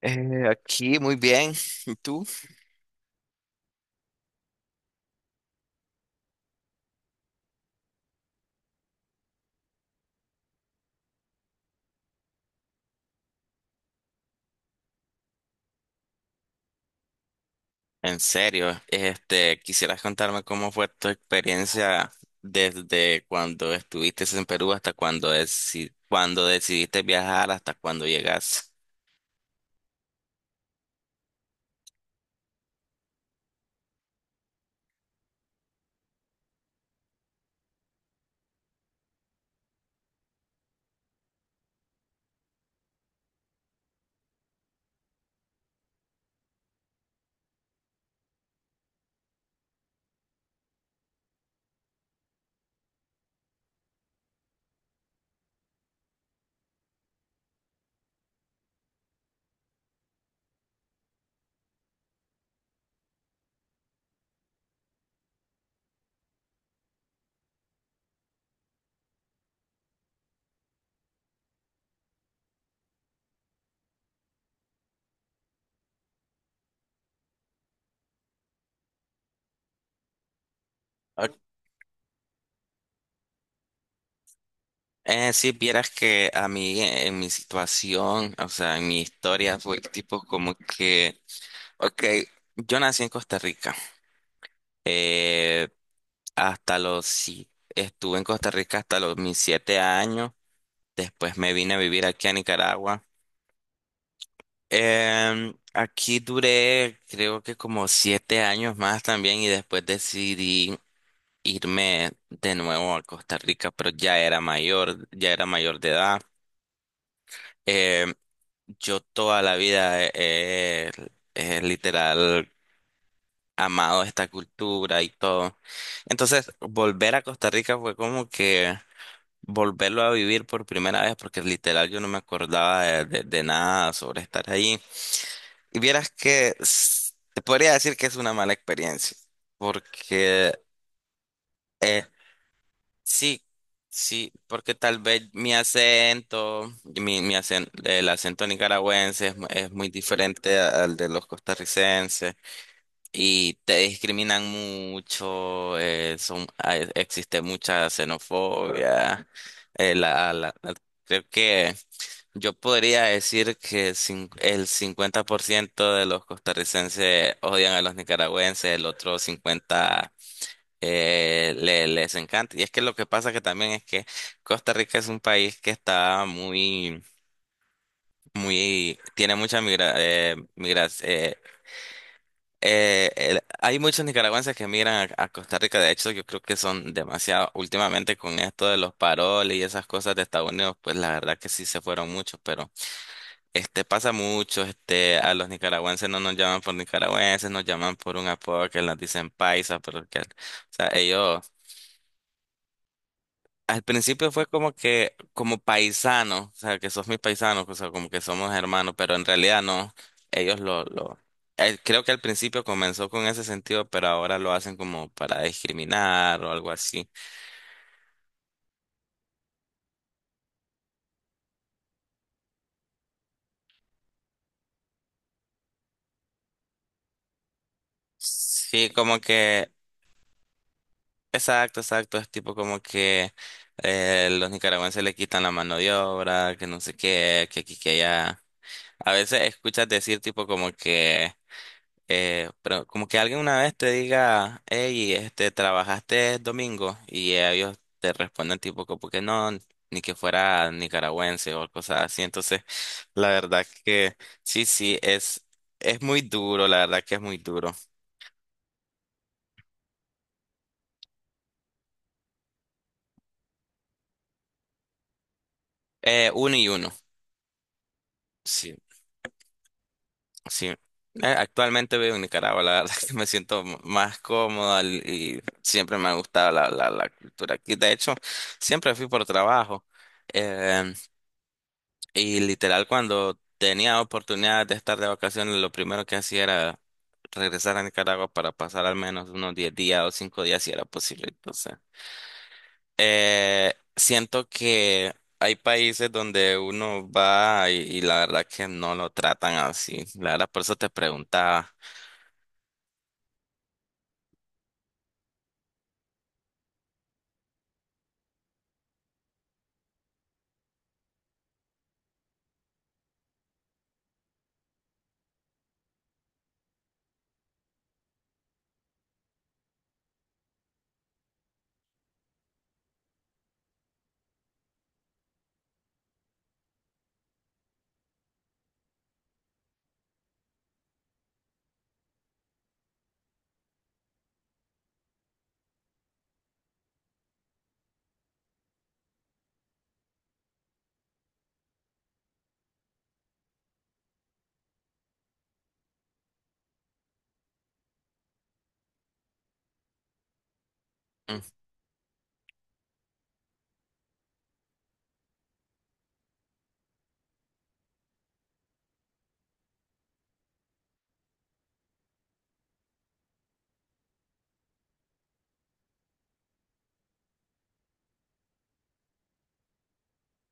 Aquí muy bien. ¿Y tú? En serio, ¿quisieras contarme cómo fue tu experiencia desde cuando estuviste en Perú hasta cuando, cuando decidiste viajar hasta cuando llegas? Ok. Si vieras que a mí, en mi situación, o sea, en mi historia fue tipo como que, ok, yo nací en Costa Rica. Eh, Hasta los, sí, estuve en Costa Rica hasta los mis 7 años. Después me vine a vivir aquí a Nicaragua. Aquí duré creo que como 7 años más también y después decidí irme de nuevo a Costa Rica, pero ya era mayor de edad. Em, yo toda la vida he literal amado esta cultura y todo. Entonces, volver a Costa Rica fue como que volverlo a vivir por primera vez porque literal yo no me acordaba de nada sobre estar ahí. Y vieras que te podría decir que es una mala experiencia porque eh, sí, sí, porque tal vez mi acento, y el acento nicaragüense es muy diferente al de los costarricenses y te discriminan mucho, existe mucha xenofobia, eh, la, la- la- creo que. Yo podría decir que el 50% de los costarricenses odian a los nicaragüenses, el otro 50% les encanta. Y es que lo que pasa que también es que Costa Rica es un país que está muy, muy, tiene mucha migra, hay muchos nicaragüenses que migran a Costa Rica. De hecho, yo creo que son demasiado, últimamente con esto de los paroles y esas cosas de Estados Unidos, pues la verdad que sí se fueron muchos, pero Este pasa mucho, a los nicaragüenses no nos llaman por nicaragüenses, nos llaman por un apodo que nos dicen paisa, pero que, o sea, ellos, al principio fue como que, como paisano, o sea, que sos mis paisanos o sea, como que somos hermanos, pero en realidad no, ellos lo, lo, creo que al principio comenzó con ese sentido, pero ahora lo hacen como para discriminar o algo así. Sí, como que exacto, exacto. Es tipo como que los nicaragüenses le quitan la mano de obra, que no sé qué, que aquí, que allá. A veces escuchas decir tipo como que, pero como que alguien una vez te diga, hey, trabajaste domingo y ellos te responden tipo como que no, ni que fuera nicaragüense o cosas así. Entonces, la verdad que sí, sí, es muy duro, la verdad que es muy duro. Uno y uno. Sí. Sí. Actualmente vivo en Nicaragua, la verdad es que me siento más cómoda y siempre me ha gustado la cultura aquí. De hecho, siempre fui por trabajo, eh, y literal cuando tenía oportunidad de estar de vacaciones, lo primero que hacía era regresar a Nicaragua para pasar al menos unos 10 días o 5 días si era posible. Entonces, siento que hay países donde uno va y la verdad que no lo tratan así. La verdad, por eso te preguntaba.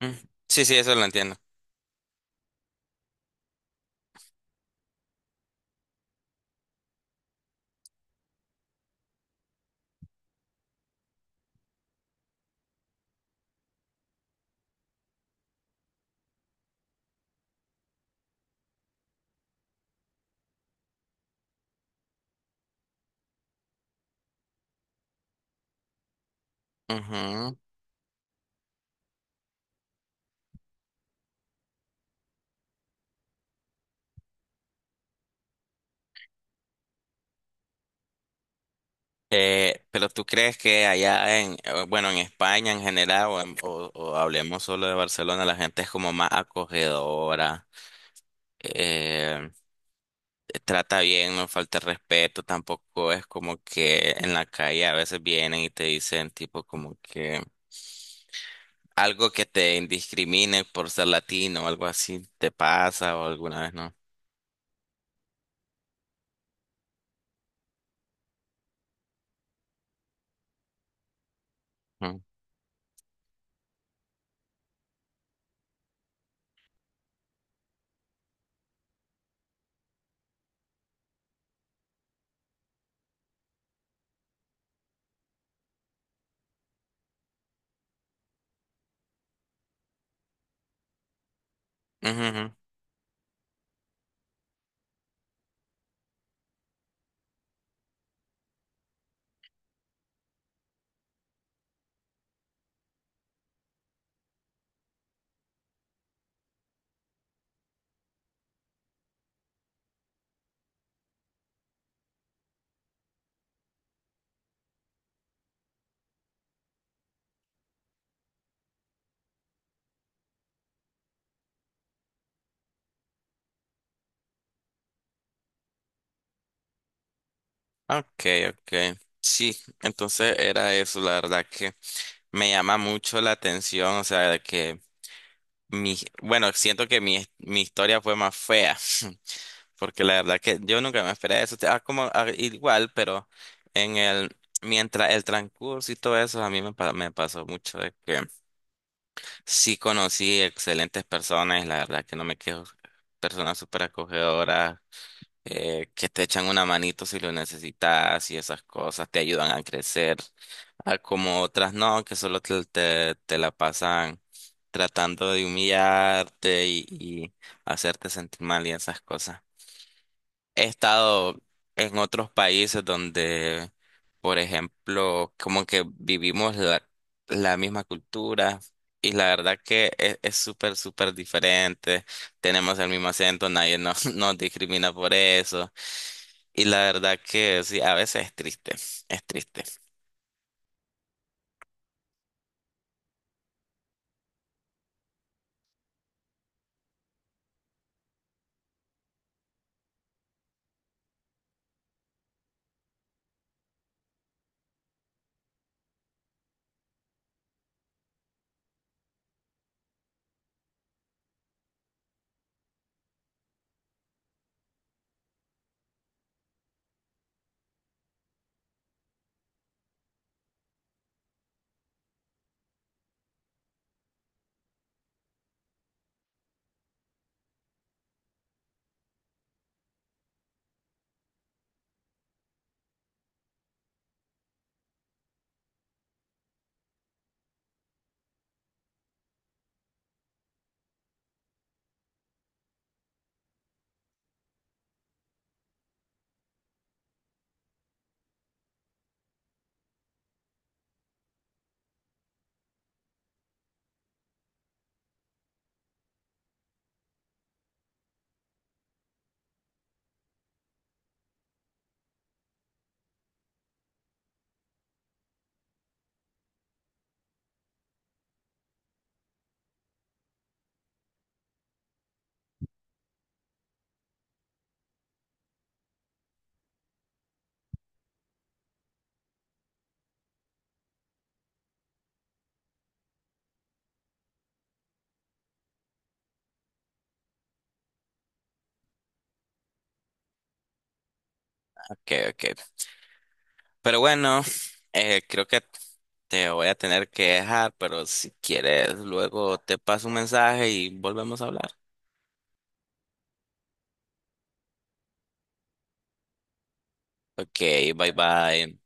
Mm, sí, sí, eso lo entiendo. Ujú. Pero tú crees que allá en, bueno, en España en general, o hablemos solo de Barcelona, la gente es como más acogedora, eh, trata bien, no falta el respeto, tampoco es como que en la calle a veces vienen y te dicen tipo como que algo que te indiscrimine por ser latino o algo así te pasa o alguna vez no. Ujú. Okay, okay. Sí, entonces era eso, la verdad que me llama mucho la atención, o sea, de que mi, bueno, siento que mi historia fue más fea, porque la verdad que yo nunca me esperé eso, igual, pero en el, mientras el transcurso y todo eso, a mí me, pa- me pasó mucho de que sí conocí excelentes personas, y la verdad que no me quejo, personas súper acogedoras, que te echan una manito si lo necesitas y esas cosas te ayudan a crecer, a como otras no, que solo te la pasan tratando de humillarte y hacerte sentir mal y esas cosas. He estado en otros países donde, por ejemplo, como que vivimos la misma cultura. Y la verdad que es súper, súper diferente. Tenemos el mismo acento, nadie nos, nos discrimina por eso y la verdad que sí, a veces es triste, es triste. Ok, ok. Pero bueno, creo que te voy a tener que dejar, pero si quieres, luego te paso un mensaje y volvemos a hablar. Ok, bye bye.